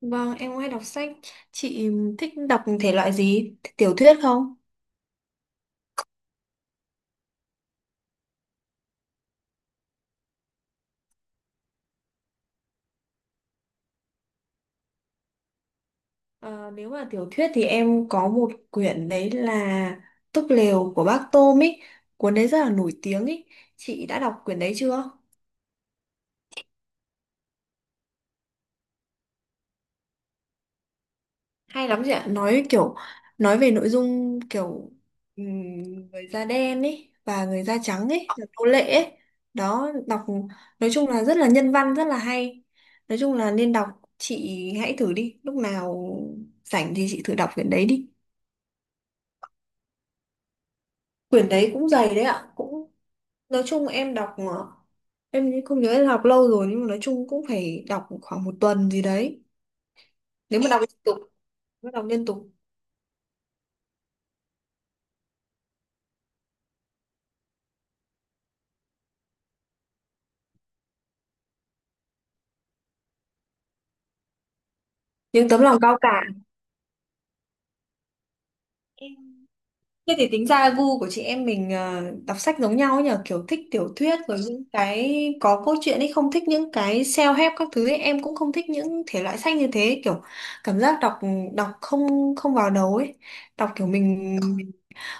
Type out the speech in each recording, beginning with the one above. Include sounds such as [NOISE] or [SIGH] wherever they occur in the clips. Vâng, em cũng hay đọc sách. Chị thích đọc thể loại gì? Tiểu thuyết không? Ờ, Nếu mà tiểu thuyết thì em có một quyển đấy là Túp lều của bác Tôm ý. Cuốn đấy rất là nổi tiếng ý. Chị đã đọc quyển đấy chưa? Hay lắm chị ạ, nói về nội dung kiểu ừm, người da đen ấy và người da trắng ấy, là nô lệ ấy. Đó, nói chung là rất là nhân văn, rất là hay. Nói chung là nên đọc, chị hãy thử đi, lúc nào rảnh thì chị thử đọc quyển đấy đi. Quyển đấy cũng dày đấy ạ, cũng nói chung em không nhớ, em đọc lâu rồi nhưng mà nói chung cũng phải đọc khoảng một tuần gì đấy. Nếu mà đọc liên tục, nếu mà đọc liên tục. Nhưng tấm lòng cao cả. Thế thì tính ra gu của chị em mình đọc sách giống nhau ấy nhờ, kiểu thích tiểu thuyết rồi những cái có câu chuyện ấy, không thích những cái self-help các thứ ấy. Em cũng không thích những thể loại sách như thế, kiểu cảm giác đọc đọc không không vào đầu ấy, đọc kiểu mình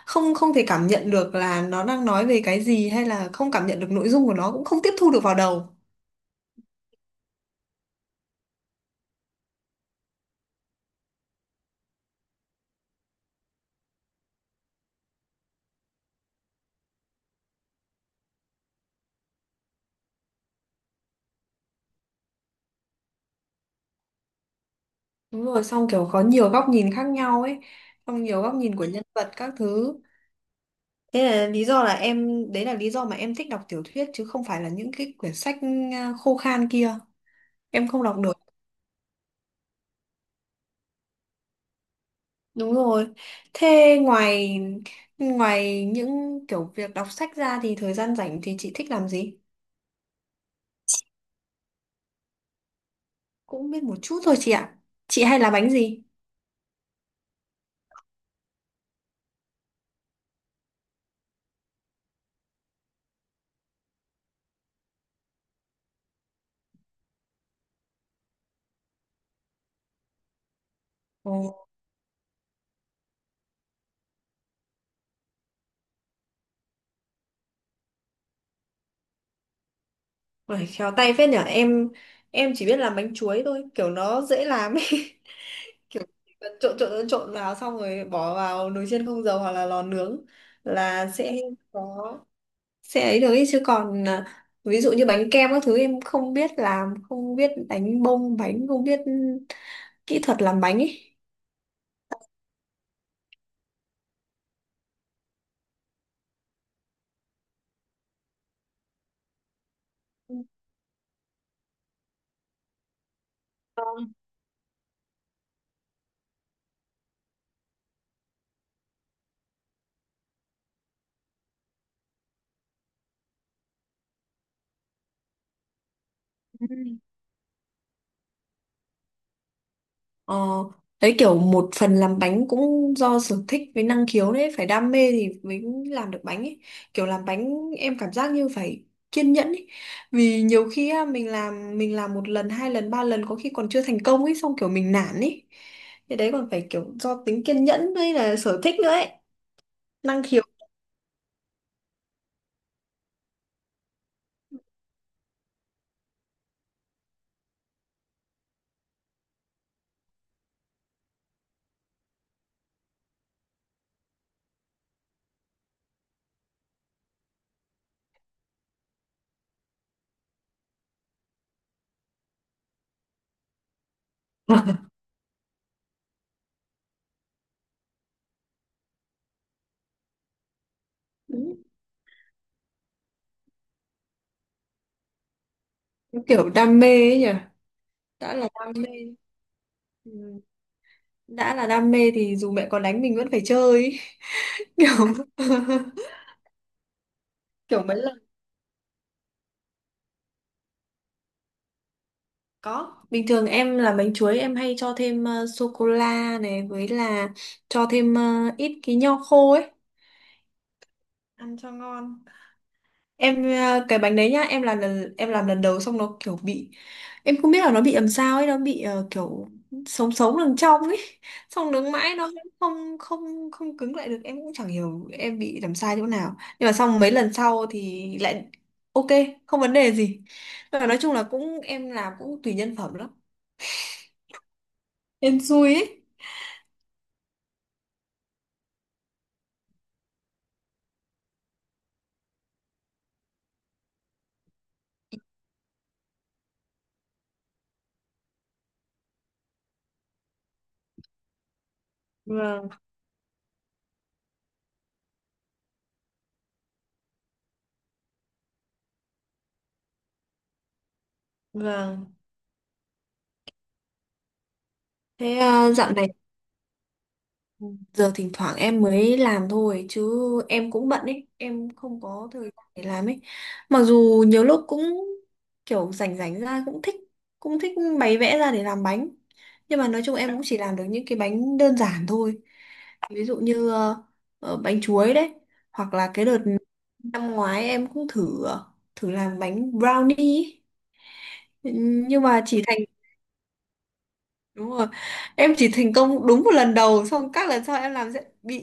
không không thể cảm nhận được là nó đang nói về cái gì hay là không cảm nhận được nội dung của nó, cũng không tiếp thu được vào đầu. Đúng rồi, xong kiểu có nhiều góc nhìn khác nhau ấy, xong nhiều góc nhìn của nhân vật các thứ. Thế là lý do là em, đấy là lý do mà em thích đọc tiểu thuyết chứ không phải là những cái quyển sách khô khan kia. Em không đọc được. Đúng rồi. Thế ngoài ngoài những kiểu việc đọc sách ra thì thời gian rảnh thì chị thích làm gì? Cũng biết một chút thôi chị ạ. Chị hay làm bánh gì? Ồ, phải khéo tay phết nhở. Em chỉ biết làm bánh chuối thôi, kiểu nó dễ làm ấy. [LAUGHS] Trộn trộn trộn trộn vào xong rồi bỏ vào nồi chiên không dầu hoặc là lò nướng là sẽ có sẽ ấy được ý. Chứ còn ví dụ như bánh kem các thứ em không biết làm, không biết đánh bông bánh, không biết kỹ thuật làm bánh ấy. Vâng. Ừ. ờ, Đấy kiểu một phần làm bánh cũng do sở thích với năng khiếu đấy, phải đam mê thì mới làm được bánh ấy, kiểu làm bánh em cảm giác như phải kiên nhẫn ấy. Vì nhiều khi á, mình làm một lần hai lần ba lần có khi còn chưa thành công ấy, xong kiểu mình nản ấy, thế đấy còn phải kiểu do tính kiên nhẫn với là sở thích nữa ấy, năng khiếu. Đúng, cái kiểu đam mê ấy nhỉ. Đã là đam mê. Ừ. Đã là đam mê thì dù mẹ có đánh mình vẫn phải chơi ấy. [LAUGHS] kiểu [LAUGHS] kiểu mấy lần Có, bình thường em làm bánh chuối em hay cho thêm sô cô la này với là cho thêm ít cái nho khô ấy, ăn cho ngon. Cái bánh đấy nhá, em làm lần đầu xong nó kiểu bị, em không biết là nó bị làm sao ấy, nó bị kiểu sống sống đằng trong ấy. [LAUGHS] Xong đứng mãi nó cũng không không không cứng lại được. Em cũng chẳng hiểu em bị làm sai chỗ nào. Nhưng mà xong mấy lần sau thì lại ok, không vấn đề gì. Nhưng mà nói chung là cũng em làm cũng tùy nhân phẩm lắm. Em xui ấy. Vâng, vâng. Thế ờ, dạo này Giờ thỉnh thoảng em mới làm thôi chứ em cũng bận ấy, em không có thời gian để làm ấy. Mặc dù nhiều lúc cũng kiểu rảnh rảnh ra cũng thích bày vẽ ra để làm bánh. Nhưng mà nói chung em cũng chỉ làm được những cái bánh đơn giản thôi. Ví dụ như bánh chuối đấy, hoặc là cái đợt năm ngoái em cũng thử làm bánh brownie ấy. Nhưng mà chỉ thành Đúng rồi, em chỉ thành công đúng một lần đầu, xong các lần sau em làm sẽ bị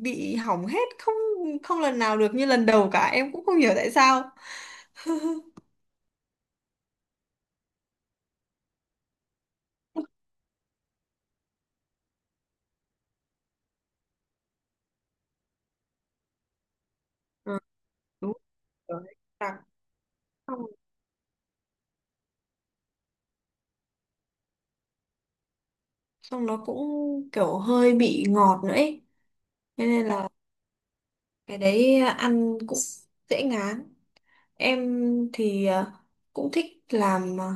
bị hỏng hết, không không lần nào được như lần đầu cả, em cũng không hiểu tại sao. Ờ, đúng rồi. Đặc. Xong xong nó cũng kiểu hơi bị ngọt nữa ấy. Thế nên là cái đấy ăn cũng dễ ngán. Em thì cũng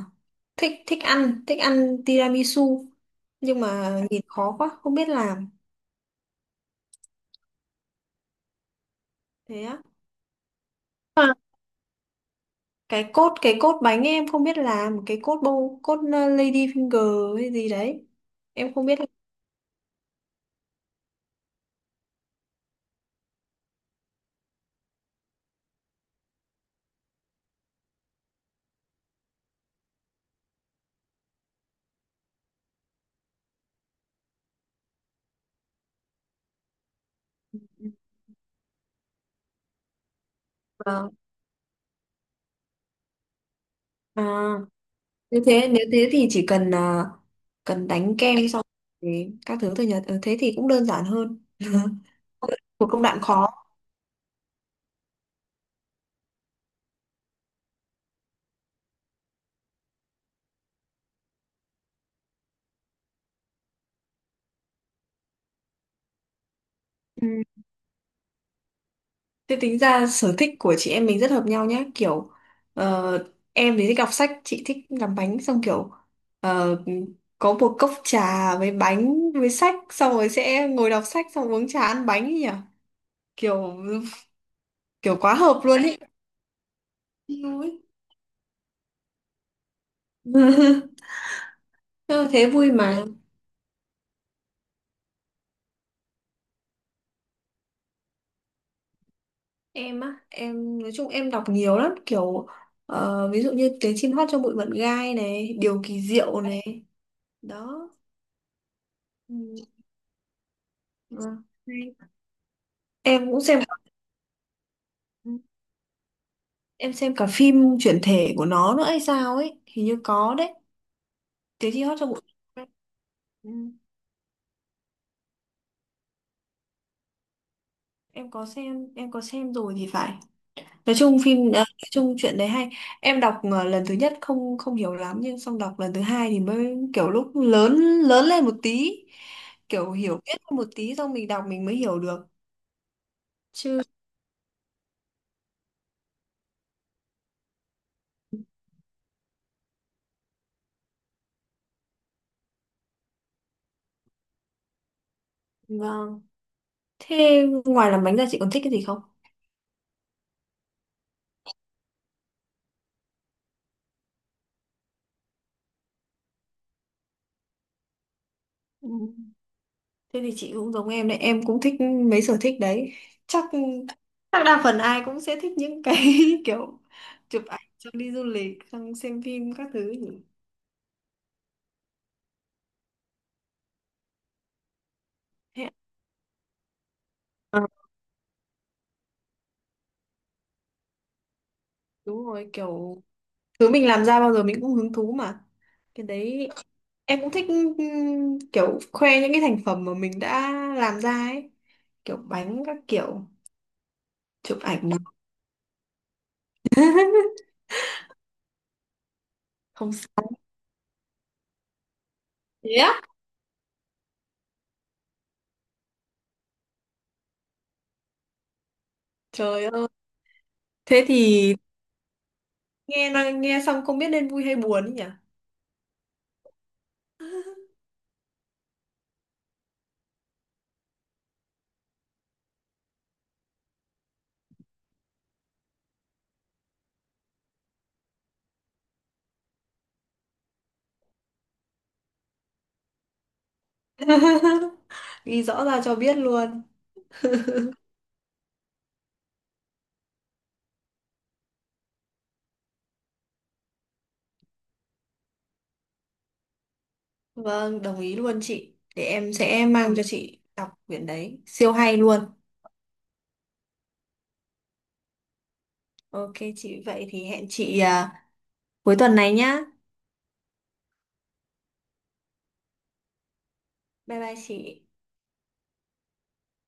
thích thích ăn tiramisu nhưng mà nhìn khó quá không biết làm. Thế á? Cái cốt bánh ấy, em không biết làm cái cốt lady finger hay gì đấy, em không biết là. Vâng. à Như thế, nếu thế thì chỉ cần đánh kem xong thì các thứ thôi nhật. Ờ, thế thì cũng đơn giản hơn. [LAUGHS] Một công đoạn khó. Ừ. Thế tính ra sở thích của chị em mình rất hợp nhau nhá, kiểu ờ, em thì thích đọc sách, chị thích làm bánh, xong kiểu ờ, có một cốc trà với bánh với sách, xong rồi sẽ ngồi đọc sách, xong uống trà ăn bánh ấy nhỉ, kiểu kiểu quá hợp luôn ấy. Yêu ấy. [LAUGHS] Ờ, thế vui mà. Em á Em nói chung em đọc nhiều lắm, kiểu ví dụ như tiếng chim hót trong bụi mận gai này, điều kỳ diệu này, đó. Ừ, ờ, hay. Em cũng xem em xem cả phim chuyển thể của nó nữa hay sao ấy, hình như có đấy. Tiếng chim hót trong bụi Mận Gai. Ừ, em có xem rồi thì phải. Nói chung phim nói chung chuyện đấy hay, em đọc lần thứ nhất không không hiểu lắm, nhưng xong đọc lần thứ hai thì mới kiểu lúc lớn lớn lên một tí, kiểu hiểu biết hơn một tí, xong mình đọc mình mới hiểu được chứ. Vâng. Thế ngoài làm bánh ra chị còn thích cái gì không? Ừ. Thế thì chị cũng giống em đấy, em cũng thích mấy sở thích đấy, chắc chắc đa phần ai cũng sẽ thích những cái [LAUGHS] kiểu chụp ảnh, xong đi du lịch, xong xem phim các thứ nhỉ. Thế- Ờ, đúng rồi, kiểu thứ mình làm ra bao giờ mình cũng hứng thú mà, cái đấy em cũng thích kiểu khoe những cái thành phẩm mà mình đã làm ra ấy, kiểu bánh các kiểu, chụp ảnh mà. [LAUGHS] Không sao. Thế á? Trời ơi. Thế thì nghe xong không biết nên vui hay buồn ấy nhỉ. [LAUGHS] Ghi rõ ra cho biết luôn. Vâng, đồng ý luôn chị, để em sẽ mang cho chị đọc quyển đấy siêu hay luôn. Ok chị, vậy thì hẹn chị cuối tuần này nhá. Bye bye chị.